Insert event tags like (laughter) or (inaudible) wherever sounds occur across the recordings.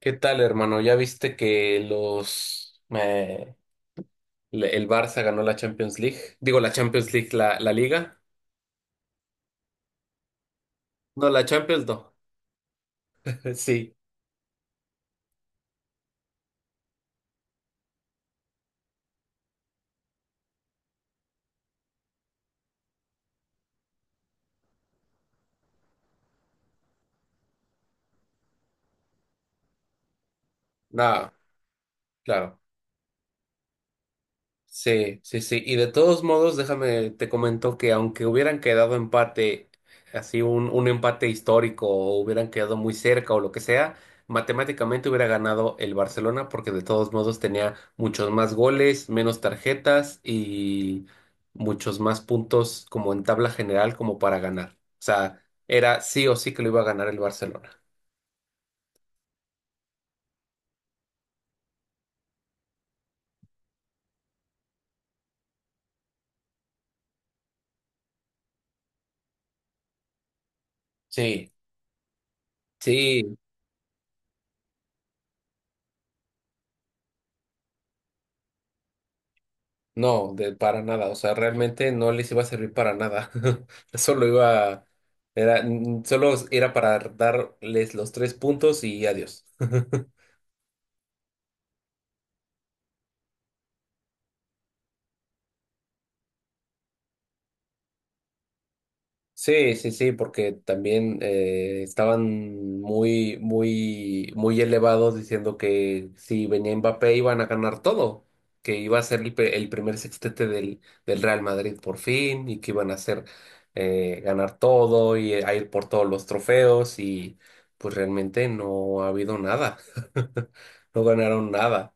¿Qué tal, hermano? ¿Ya viste que el Barça ganó la Champions League? Digo, la Champions League, la Liga. No, la Champions no. (laughs) Sí, no, claro. Sí, sí, sí. Y de todos modos, déjame, te comento que aunque hubieran quedado empate, así un empate histórico, o hubieran quedado muy cerca o lo que sea, matemáticamente hubiera ganado el Barcelona porque de todos modos tenía muchos más goles, menos tarjetas y muchos más puntos como en tabla general como para ganar. O sea, era sí o sí que lo iba a ganar el Barcelona. Sí, sí. No, de para nada, o sea, realmente no les iba a servir para nada. (laughs) Solo iba, solo era para darles los 3 puntos y adiós. (laughs) Sí, sí, sí, porque también estaban muy, muy, muy elevados diciendo que si venía Mbappé iban a ganar todo, que iba a ser el primer sextete del Real Madrid por fin y que iban a hacer ganar todo y a ir por todos los trofeos, y pues realmente no ha habido nada, (laughs) no ganaron nada.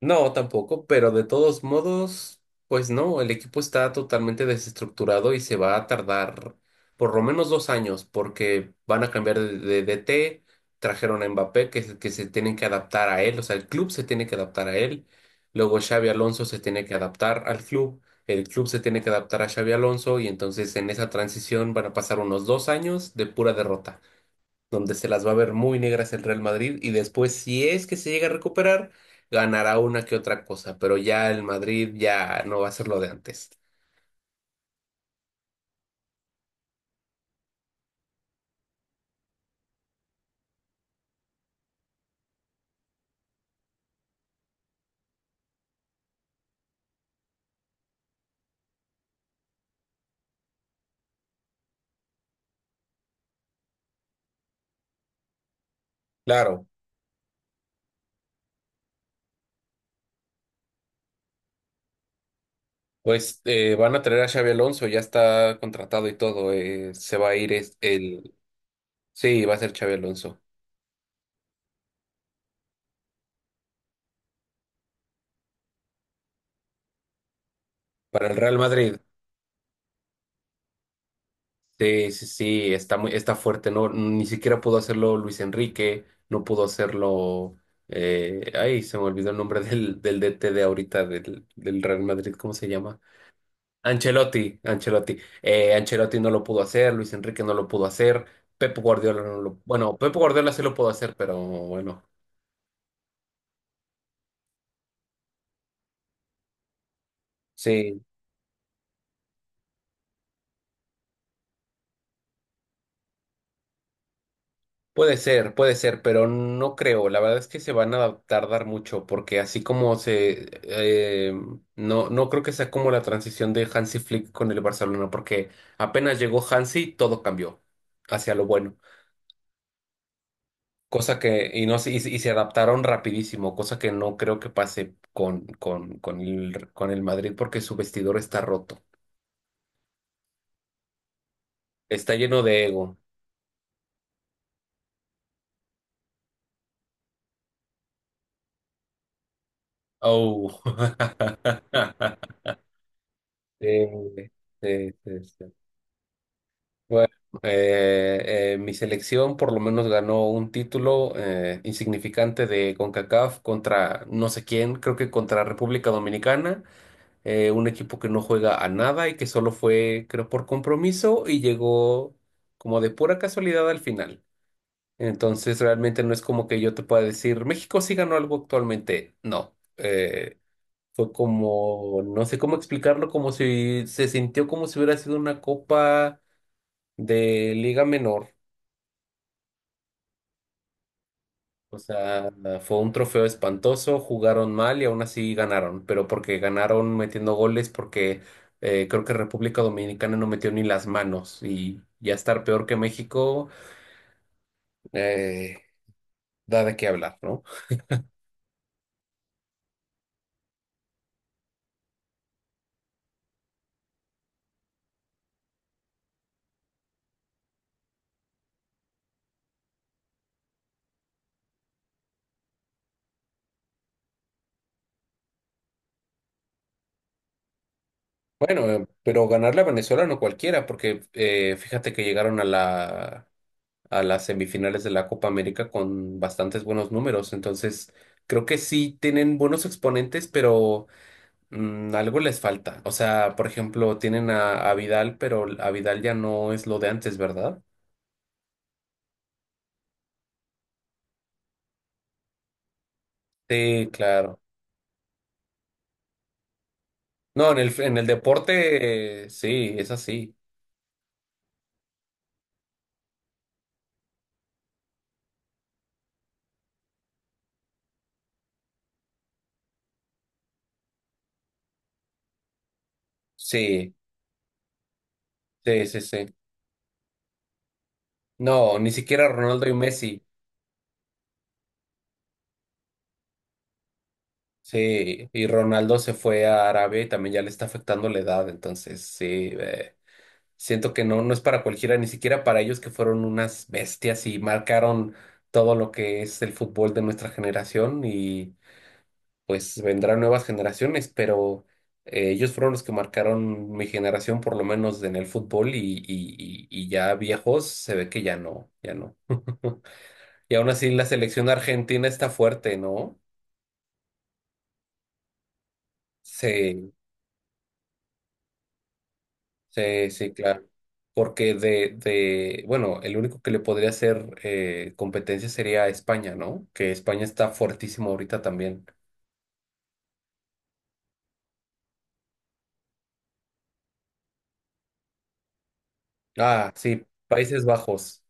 No, tampoco, pero de todos modos, pues no, el equipo está totalmente desestructurado y se va a tardar por lo menos 2 años porque van a cambiar de DT, trajeron a Mbappé que se tienen que adaptar a él, o sea, el club se tiene que adaptar a él, luego Xavi Alonso se tiene que adaptar al club, el club se tiene que adaptar a Xavi Alonso, y entonces en esa transición van a pasar unos 2 años de pura derrota donde se las va a ver muy negras el Real Madrid y después, si es que se llega a recuperar, ganará una que otra cosa, pero ya el Madrid ya no va a ser lo de antes. Claro, pues van a traer a Xabi Alonso, ya está contratado y todo, se va a ir el. Sí, va a ser Xabi Alonso. Para el Real Madrid, sí, sí, sí, está fuerte, ¿no? Ni siquiera pudo hacerlo Luis Enrique, no pudo hacerlo. Ay se me olvidó el nombre del DT de ahorita del Real Madrid. ¿Cómo se llama? Ancelotti, Ancelotti. Ancelotti no lo pudo hacer, Luis Enrique no lo pudo hacer, Pep Guardiola no lo. Bueno, Pep Guardiola sí lo pudo hacer, pero bueno, sí, puede ser, pero no creo. La verdad es que se van a tardar mucho, porque así como se. No no creo que sea como la transición de Hansi Flick con el Barcelona, porque apenas llegó Hansi, todo cambió hacia lo bueno. Cosa que, y no se- y, se y se adaptaron rapidísimo, cosa que no creo que pase con el Madrid porque su vestidor está roto. Está lleno de ego. Oh. (laughs) Sí, sí, sí, sí. Bueno, mi selección por lo menos ganó un título insignificante de CONCACAF contra no sé quién, creo que contra República Dominicana, un equipo que no juega a nada y que solo fue, creo, por compromiso y llegó como de pura casualidad al final. Entonces, realmente no es como que yo te pueda decir, México sí ganó algo actualmente. No, fue como, no sé cómo explicarlo, como si se sintió como si hubiera sido una copa de liga menor. O sea, fue un trofeo espantoso, jugaron mal y aún así ganaron, pero porque ganaron metiendo goles, porque creo que República Dominicana no metió ni las manos, y ya estar peor que México eh, da de qué hablar, ¿no? Bueno, pero ganarle a Venezuela no cualquiera, porque fíjate que llegaron a la, a las semifinales de la Copa América con bastantes buenos números, entonces creo que sí tienen buenos exponentes, pero. Algo les falta. O sea, por ejemplo, tienen a Vidal, pero a Vidal ya no es lo de antes, ¿verdad? Sí, claro. No, en el deporte, sí, es así. Sí, sí, sí, sí. No, ni siquiera Ronaldo y Messi. Sí, y Ronaldo se fue a Arabia y también ya le está afectando la edad. Entonces, sí, siento que no, no es para cualquiera, ni siquiera para ellos, que fueron unas bestias y marcaron todo lo que es el fútbol de nuestra generación, y pues vendrán nuevas generaciones, pero ellos fueron los que marcaron mi generación, por lo menos en el fútbol, y ya viejos se ve que ya no, ya no. (laughs) Y aún así la selección argentina está fuerte, ¿no? Sí, sí, sí, claro. Porque bueno, el único que le podría hacer competencia sería España, ¿no? Que España está fuertísimo ahorita también. Ah, sí, Países Bajos.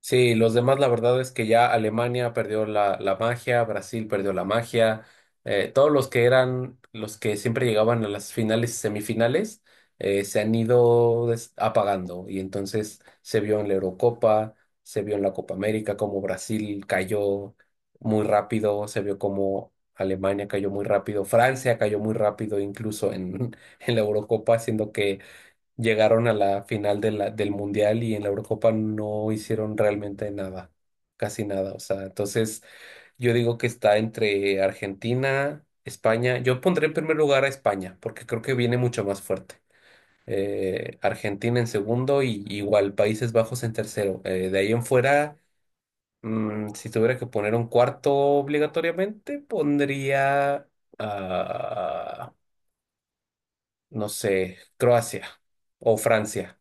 Sí, los demás, la verdad es que ya Alemania perdió la magia, Brasil perdió la magia, todos los que eran los que siempre llegaban a las finales y semifinales se han ido apagando, y entonces se vio en la Eurocopa, se vio en la Copa América como Brasil cayó muy rápido, se vio como Alemania cayó muy rápido, Francia cayó muy rápido incluso en, (laughs) en la Eurocopa, siendo que llegaron a la final de del Mundial y en la Eurocopa no hicieron realmente nada, casi nada. O sea, entonces yo digo que está entre Argentina, España. Yo pondré en primer lugar a España porque creo que viene mucho más fuerte. Argentina en segundo y igual Países Bajos en tercero. De ahí en fuera, si tuviera que poner un cuarto obligatoriamente, pondría, ah, no sé, Croacia o Francia.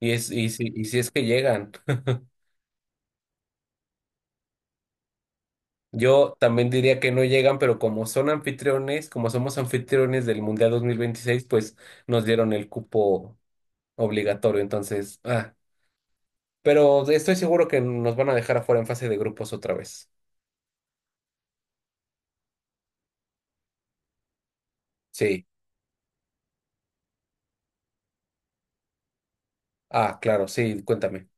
Y si es que llegan. (laughs) Yo también diría que no llegan, pero como son anfitriones, como somos anfitriones del Mundial 2026, pues nos dieron el cupo obligatorio. Entonces, pero estoy seguro que nos van a dejar afuera en fase de grupos otra vez. Sí. Ah, claro, sí, cuéntame.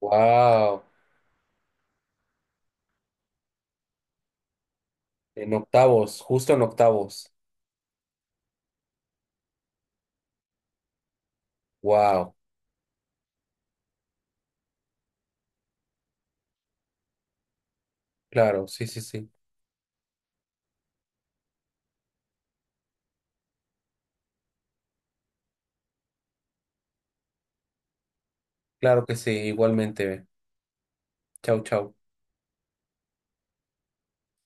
Wow. En octavos, justo en octavos. Wow. Claro, sí, sí, sí. Claro que sí, igualmente. Chau, chau.